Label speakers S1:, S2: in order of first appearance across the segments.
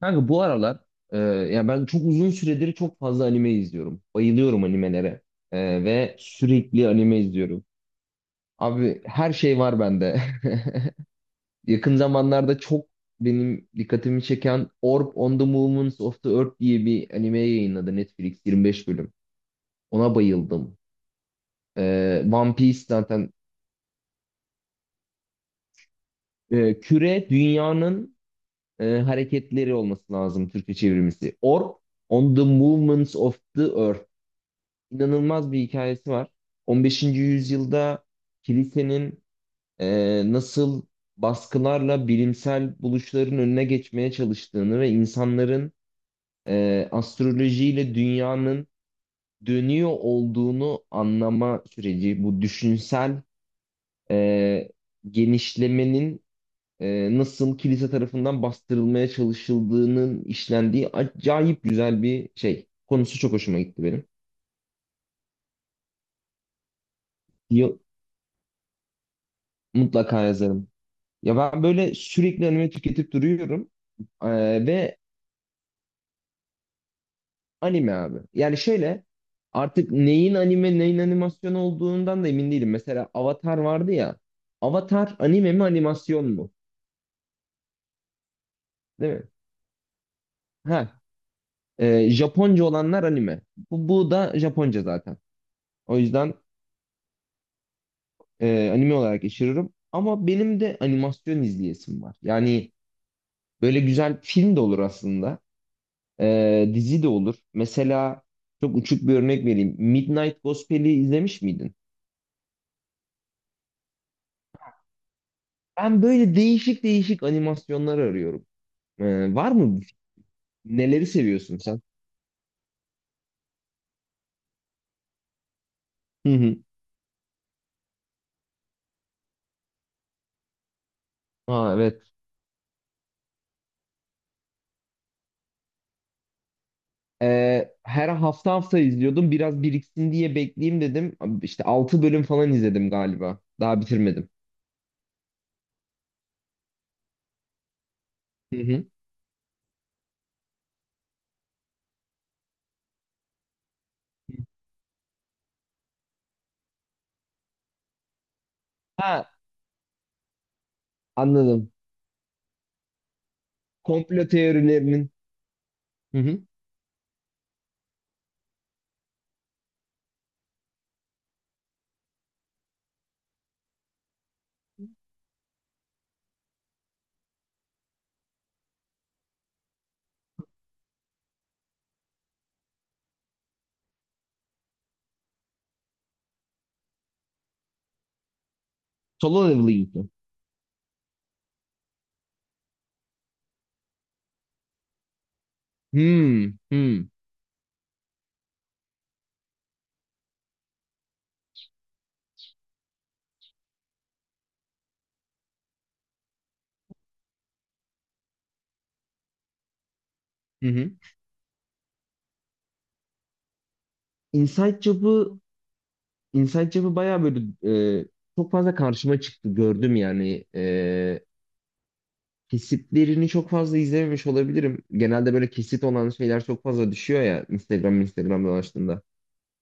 S1: Kanka bu aralar ya ben çok uzun süredir çok fazla anime izliyorum. Bayılıyorum animelere. Ve sürekli anime izliyorum. Abi her şey var bende. Yakın zamanlarda çok benim dikkatimi çeken Orb on the Movements of the Earth diye bir anime yayınladı Netflix 25 bölüm. Ona bayıldım. One Piece zaten. Küre dünyanın hareketleri olması lazım Türkçe çevirmesi. Orb on the Movements of the Earth. İnanılmaz bir hikayesi var. 15. yüzyılda kilisenin nasıl baskılarla bilimsel buluşların önüne geçmeye çalıştığını ve insanların astrolojiyle dünyanın dönüyor olduğunu anlama süreci, bu düşünsel e, genişlemenin nasıl kilise tarafından bastırılmaya çalışıldığının işlendiği acayip güzel bir şey. Konusu çok hoşuma gitti benim. Yo- Mutlaka yazarım. Ya ben böyle sürekli anime tüketip duruyorum. Ee, Ve anime abi. Yani şöyle artık neyin anime neyin animasyon olduğundan da emin değilim. Mesela Avatar vardı ya. Avatar anime mi animasyon mu? Değil mi? Ha, Japonca olanlar anime. Bu da Japonca zaten. O yüzden anime olarak geçiririm. Ama benim de animasyon izleyesim var. Yani böyle güzel film de olur aslında. Dizi de olur. Mesela çok uçuk bir örnek vereyim. Midnight Gospel'i izlemiş miydin? Ben böyle değişik değişik animasyonlar arıyorum. Var mı? Neleri seviyorsun sen? Hı hı. Ha, evet. Her hafta izliyordum. Biraz biriksin diye bekleyeyim dedim. İşte 6 bölüm falan izledim galiba. Daha bitirmedim. Hı hı. Ha, anladım. Komplo teorilerinin. Hı hı. Solo Level'ı izledim. Hmm, hmm. Hı hı. Inside Job'ı Inside Job'ı bayağı böyle e, çok fazla karşıma çıktı, gördüm yani. Kesitlerini çok fazla izlememiş olabilirim. Genelde böyle kesit olan şeyler çok fazla düşüyor ya Instagram dolaştığında.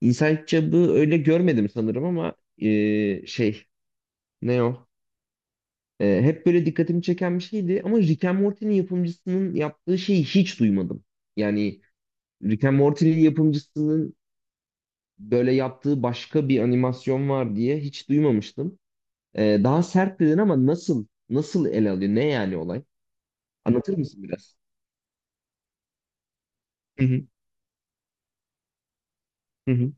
S1: Inside Job'ı öyle görmedim sanırım. Ama e, şey ne o? Hep böyle dikkatimi çeken bir şeydi, ama Rick and Morty'nin yapımcısının yaptığı şeyi hiç duymadım. Yani Rick and Morty'nin yapımcısının böyle yaptığı başka bir animasyon var diye hiç duymamıştım. Daha sert dedin, ama nasıl ele alıyor? Ne yani olay? Anlatır mısın biraz? Hı hı hı hı.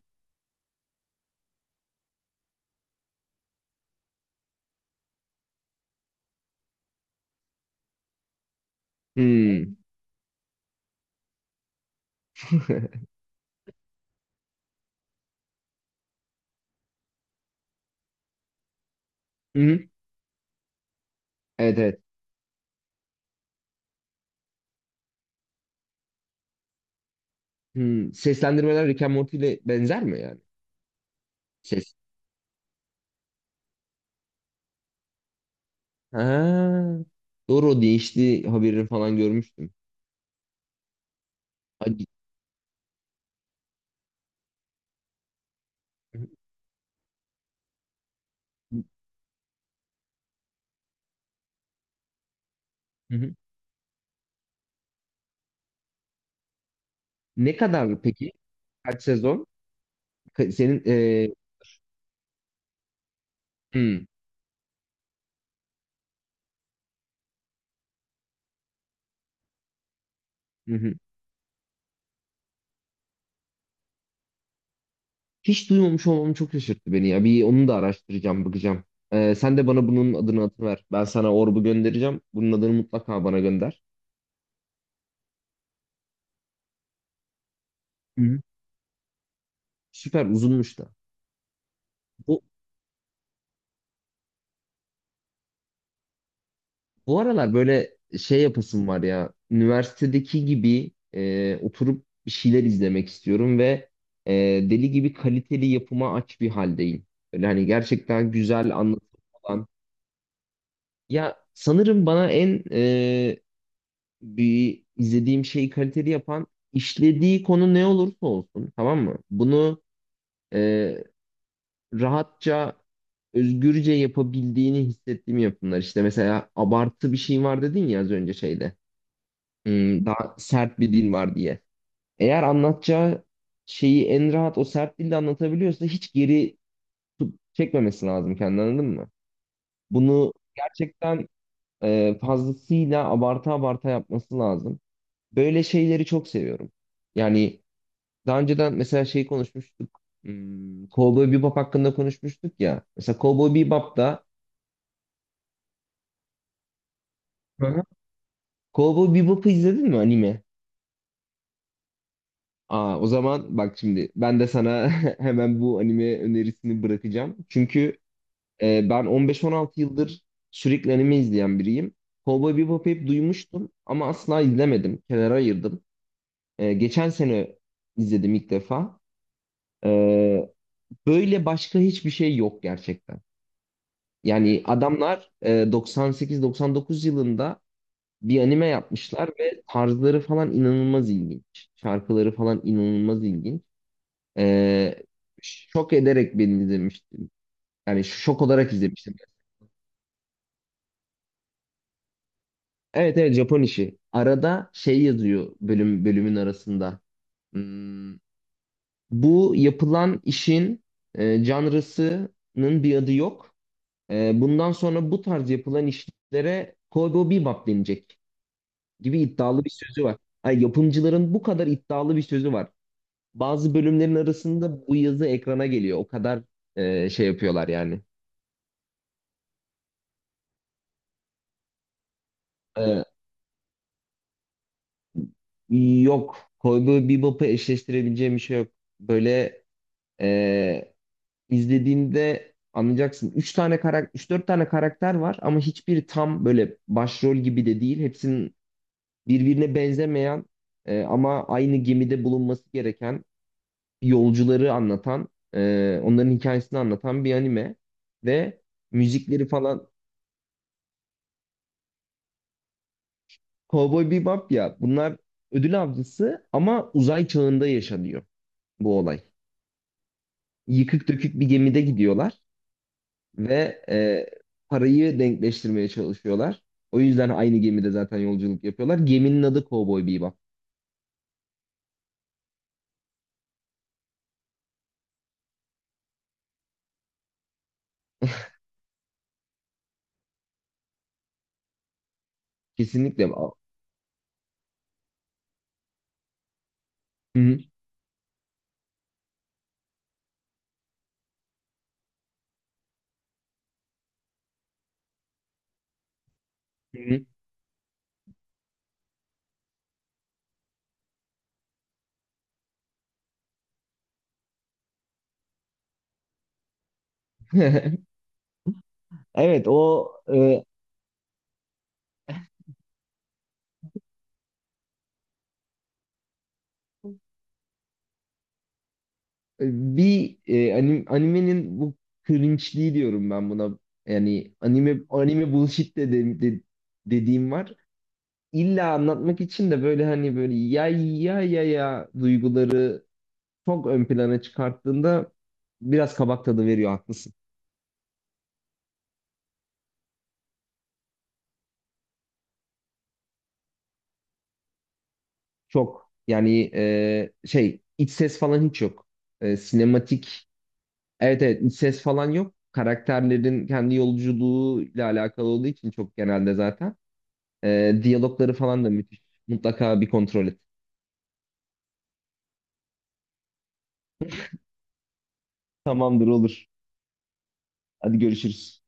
S1: Hmm. Hı hı. Evet evet. Hmm. Seslendirmeler Rick and Morty ile benzer mi yani? Ses. Ha. Doğru, o değişti haberini falan görmüştüm. Ay. Hı hı. Ne kadar peki? Kaç sezon? Senin hmm. Hı hı. Hiç duymamış olmam çok şaşırttı beni ya. Bir onu da araştıracağım, bakacağım. Sen de bana bunun adını atıver. Ben sana orbu göndereceğim. Bunun adını mutlaka bana gönder. Hı. Süper uzunmuş da. Bu, bu aralar böyle şey yapasım var ya. Üniversitedeki gibi oturup bir şeyler izlemek istiyorum ve e, deli gibi kaliteli yapıma aç bir haldeyim. Böyle hani gerçekten güzel anlatım olan. Ya sanırım bana en bir izlediğim şeyi kaliteli yapan, işlediği konu ne olursa olsun, tamam mı? Bunu e, rahatça, özgürce yapabildiğini hissettiğim yapımlar. İşte mesela abartı bir şey var dedin ya az önce şeyde. Hmm, daha sert bir dil var diye. Eğer anlatacağı şeyi en rahat o sert dilde anlatabiliyorsa hiç geri çekmemesi lazım kendini, anladın mı? Bunu gerçekten fazlasıyla abarta abarta yapması lazım. Böyle şeyleri çok seviyorum. Yani daha önceden mesela şey konuşmuştuk. Hmm, Cowboy Bebop hakkında konuşmuştuk ya. Mesela Cowboy Bebop'ta. Hı hı. Cowboy Bebop'u izledin mi, anime? Aa, o zaman bak, şimdi ben de sana hemen bu anime önerisini bırakacağım. Çünkü ben 15-16 yıldır sürekli anime izleyen biriyim. Cowboy Bebop'u hep duymuştum ama asla izlemedim. Kenara ayırdım. Geçen sene izledim ilk defa. E, Böyle başka hiçbir şey yok gerçekten. Yani adamlar 98-99 yılında bir anime yapmışlar ve tarzları falan inanılmaz ilginç. Şarkıları falan inanılmaz ilginç. E, Şok ederek beni izlemiştim. Yani şok olarak izlemiştim. Evet evet, Japon işi. Arada şey yazıyor bölümün arasında. Hmm, bu yapılan işin janrasının bir adı yok. Bundan sonra bu tarz yapılan işlere Cowboy Bebop denecek gibi iddialı bir sözü var. Ay, yapımcıların bu kadar iddialı bir sözü var. Bazı bölümlerin arasında bu yazı ekrana geliyor. O kadar yapıyorlar yani. Ee, Yok. Cowboy Bebop'u eşleştirebileceğim bir şey yok. Böyle e, izlediğinde anlayacaksın. 3-4 tane karakter var ama hiçbiri tam böyle başrol gibi de değil. Hepsinin birbirine benzemeyen, ama aynı gemide bulunması gereken yolcuları anlatan, onların hikayesini anlatan bir anime. Ve müzikleri falan. Cowboy Bebop, ya bunlar ödül avcısı ama uzay çağında yaşanıyor bu olay. Yıkık dökük bir gemide gidiyorlar ve parayı denkleştirmeye çalışıyorlar. O yüzden aynı gemide zaten yolculuk yapıyorlar. Geminin adı Cowboy Bebop. Kesinlikle. Hı hı. Hı hı. Evet, o e, bir animenin bu cringe'liği diyorum ben buna. Yani anime anime bullshit dediğim var. İlla anlatmak için de böyle hani böyle ya duyguları çok ön plana çıkarttığında biraz kabak tadı veriyor, haklısın. Çok yani iç ses falan hiç yok. Sinematik, evet evet, iç ses falan yok. Karakterlerin kendi yolculuğuyla alakalı olduğu için çok, genelde zaten. Diyalogları falan da müthiş. Mutlaka bir kontrol et. Tamamdır, olur. Hadi görüşürüz.